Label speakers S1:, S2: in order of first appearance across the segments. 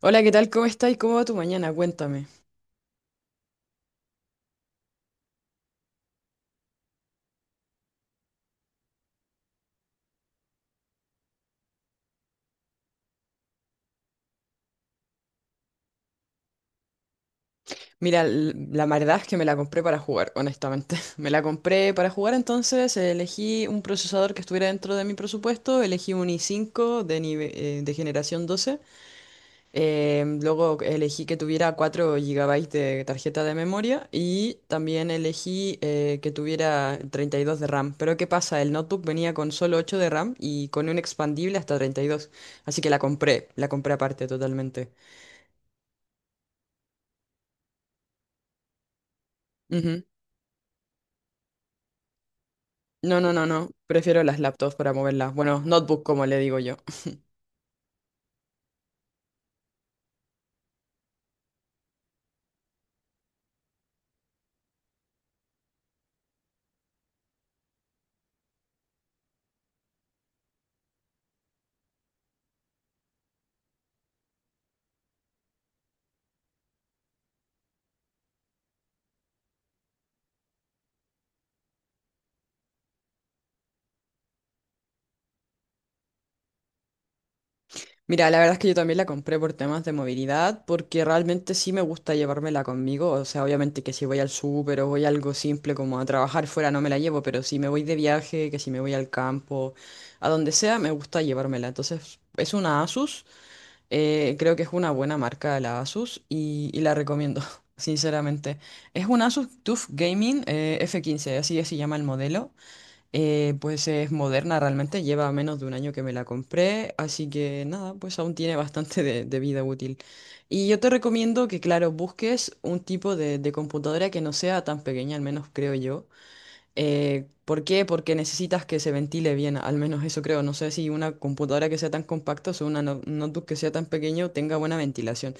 S1: Hola, ¿qué tal? ¿Cómo estás? ¿Cómo va tu mañana? Cuéntame. Mira, la verdad es que me la compré para jugar, honestamente. Me la compré para jugar, entonces elegí un procesador que estuviera dentro de mi presupuesto, elegí un i5 de generación 12. Luego elegí que tuviera 4 GB de tarjeta de memoria y también elegí que tuviera 32 de RAM. Pero ¿qué pasa? El notebook venía con solo 8 de RAM y con un expandible hasta 32, así que la compré aparte totalmente. No, no, no, no. Prefiero las laptops para moverlas. Bueno, notebook como le digo yo. Mira, la verdad es que yo también la compré por temas de movilidad, porque realmente sí me gusta llevármela conmigo. O sea, obviamente que si voy al súper o voy a algo simple como a trabajar fuera no me la llevo, pero si me voy de viaje, que si me voy al campo, a donde sea, me gusta llevármela. Entonces, es una Asus. Creo que es una buena marca la Asus y la recomiendo, sinceramente. Es una Asus TUF Gaming F15 así se llama el modelo. Pues es moderna realmente, lleva menos de un año que me la compré, así que nada, pues aún tiene bastante de vida útil. Y yo te recomiendo que, claro, busques un tipo de computadora que no sea tan pequeña, al menos creo yo. ¿Por qué? Porque necesitas que se ventile bien, al menos eso creo. No sé si una computadora que sea tan compacta o una notebook que sea tan pequeño tenga buena ventilación.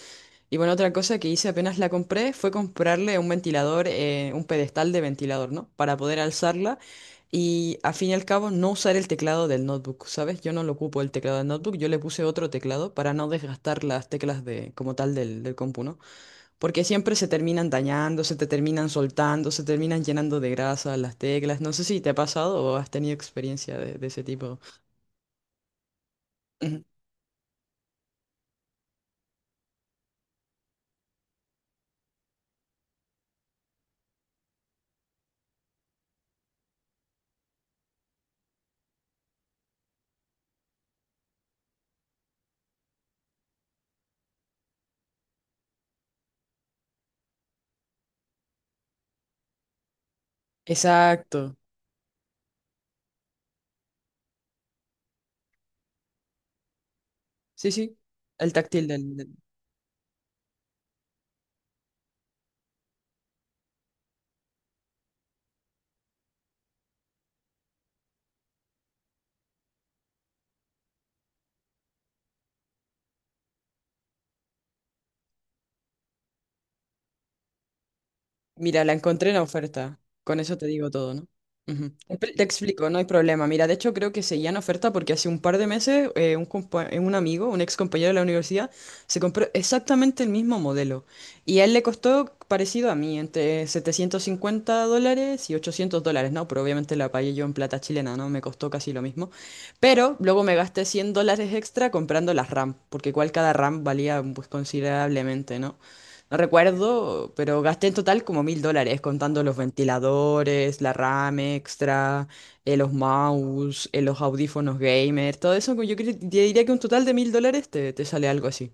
S1: Y bueno, otra cosa que hice apenas la compré fue comprarle un ventilador, un pedestal de ventilador, ¿no? Para poder alzarla y a fin y al cabo no usar el teclado del notebook, ¿sabes? Yo no lo ocupo el teclado del notebook, yo le puse otro teclado para no desgastar las teclas de, como tal del compu, ¿no? Porque siempre se terminan dañando, se te terminan soltando, se terminan llenando de grasa las teclas. No sé si te ha pasado o has tenido experiencia de ese tipo. Ujú. Exacto. Sí, sí. El táctil del. Mira, la encontré en la oferta. Con eso te digo todo, ¿no? Ujú. Te explico, no hay problema. Mira, de hecho creo que seguía en oferta porque hace un par de meses un amigo, un ex compañero de la universidad, se compró exactamente el mismo modelo. Y a él le costó parecido a mí, entre $750 y $800, ¿no? Pero obviamente la pagué yo en plata chilena, ¿no? Me costó casi lo mismo. Pero luego me gasté $100 extra comprando las RAM, porque igual cada RAM valía pues considerablemente, ¿no? No recuerdo, pero gasté en total como $1.000, contando los ventiladores, la RAM extra, los mouse, los audífonos gamer, todo eso. Te diría que un total de $1.000 te sale algo así.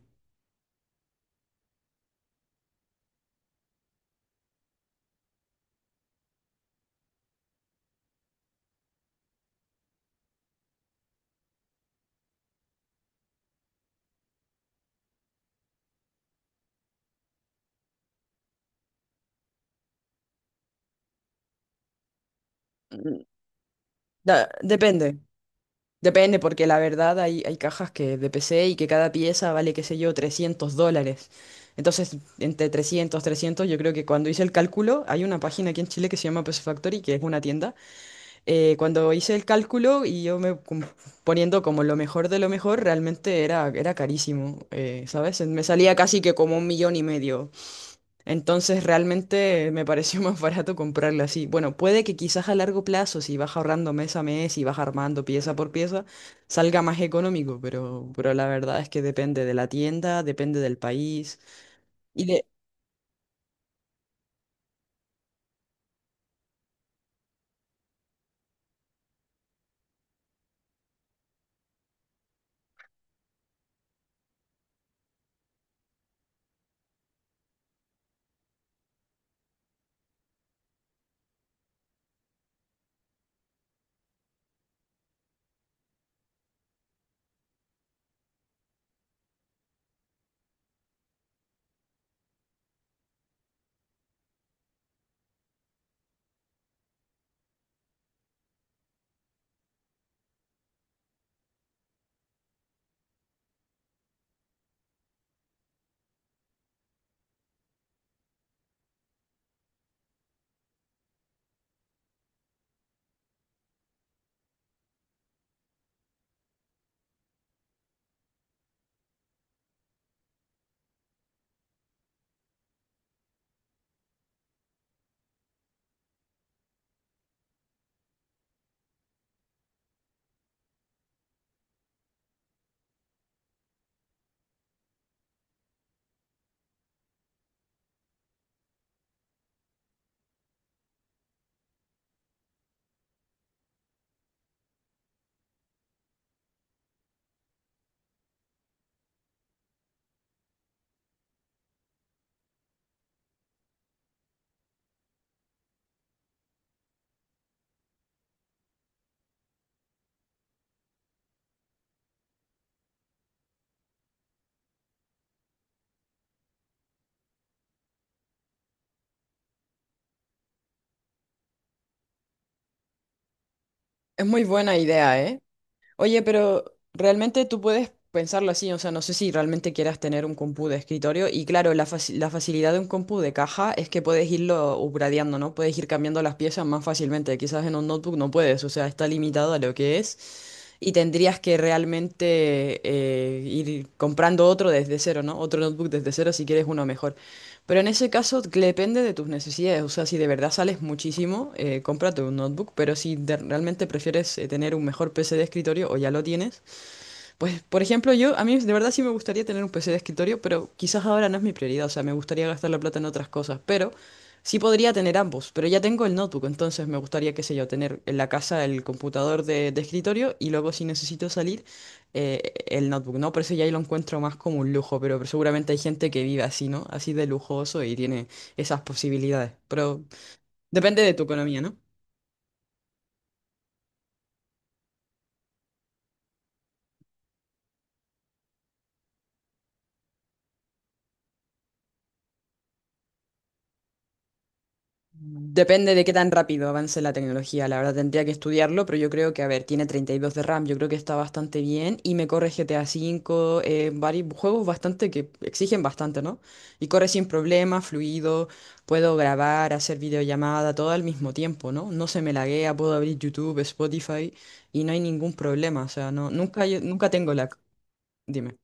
S1: Mm, da- depende, depende, porque la verdad hay cajas que de PC y que cada pieza vale, qué sé yo, $300. Entonces, entre trescientos, yo creo que cuando hice el cálculo, hay una página aquí en Chile que se llama PC Factory, que es una tienda cuando hice el cálculo y yo me poniendo como lo mejor de lo mejor, realmente era carísimo, ¿sabes? Me salía casi que como un millón y medio. Entonces realmente me pareció más barato comprarlo así. Bueno, puede que quizás a largo plazo, si vas ahorrando mes a mes y vas armando pieza por pieza, salga más económico, pero la verdad es que depende de la tienda, depende del país. Y de- es muy buena idea, ¿eh? Oye, pero realmente tú puedes pensarlo así, o sea, no sé si realmente quieras tener un compu de escritorio y claro, la facilidad de un compu de caja es que puedes irlo upgradeando, ¿no? Puedes ir cambiando las piezas más fácilmente, quizás en un notebook no puedes, o sea, está limitado a lo que es y tendrías que realmente ir comprando otro desde cero, ¿no? Otro notebook desde cero si quieres uno mejor. Pero en ese caso que depende de tus necesidades. O sea, si de verdad sales muchísimo, cómprate un notebook. Pero si realmente prefieres tener un mejor PC de escritorio o ya lo tienes, pues, por ejemplo, a mí de verdad sí me gustaría tener un PC de escritorio, pero quizás ahora no es mi prioridad, o sea, me gustaría gastar la plata en otras cosas, pero sí podría tener ambos, pero ya tengo el notebook, entonces me gustaría, qué sé yo, tener en la casa el computador de escritorio y luego si necesito salir, el notebook, ¿no? Por eso ya ahí lo encuentro más como un lujo, pero seguramente hay gente que vive así, ¿no? Así de lujoso y tiene esas posibilidades, pero depende de tu economía, ¿no? Depende de qué tan rápido avance la tecnología, la verdad tendría que estudiarlo, pero yo creo que, a ver, tiene 32 de RAM, yo creo que está bastante bien y me corre GTA V, varios juegos bastante que exigen bastante, ¿no? Y corre sin problema, fluido, puedo grabar, hacer videollamada, todo al mismo tiempo, ¿no? No se me laguea, puedo abrir YouTube, Spotify y no hay ningún problema, o sea, no, nunca, nunca tengo lag, dime.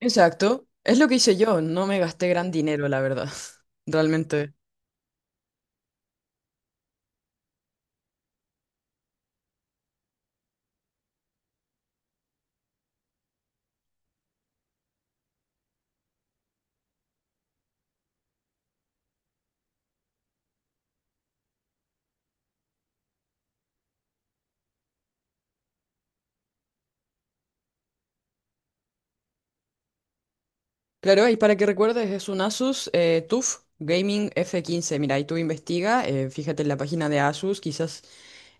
S1: Exacto, es lo que hice yo, no me gasté gran dinero, la verdad, realmente. Claro, y para que recuerdes, es un Asus TUF Gaming F15. Mira, y tú investiga, fíjate en la página de Asus, quizás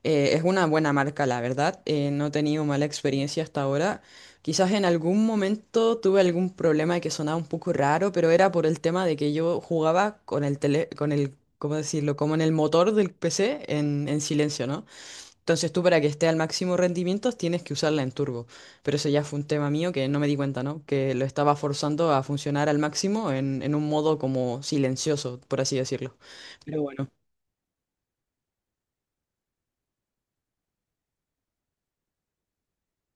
S1: es una buena marca, la verdad. No he tenido mala experiencia hasta ahora. Quizás en algún momento tuve algún problema de que sonaba un poco raro, pero era por el tema de que yo jugaba con el tele, con el, ¿cómo decirlo? Como en el motor del PC en silencio, ¿no? Entonces tú para que esté al máximo rendimiento tienes que usarla en turbo. Pero eso ya fue un tema mío que no me di cuenta, ¿no? Que lo estaba forzando a funcionar al máximo en un modo como silencioso, por así decirlo. Pero bueno.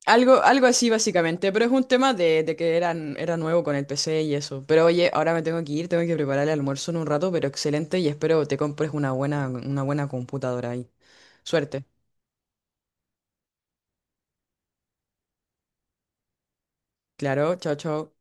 S1: Algo así básicamente, pero es un tema de que eran, era nuevo con el PC y eso. Pero oye, ahora me tengo que ir, tengo que preparar el almuerzo en un rato, pero excelente y espero te compres una buena computadora ahí. Suerte. Claro, chao, chao.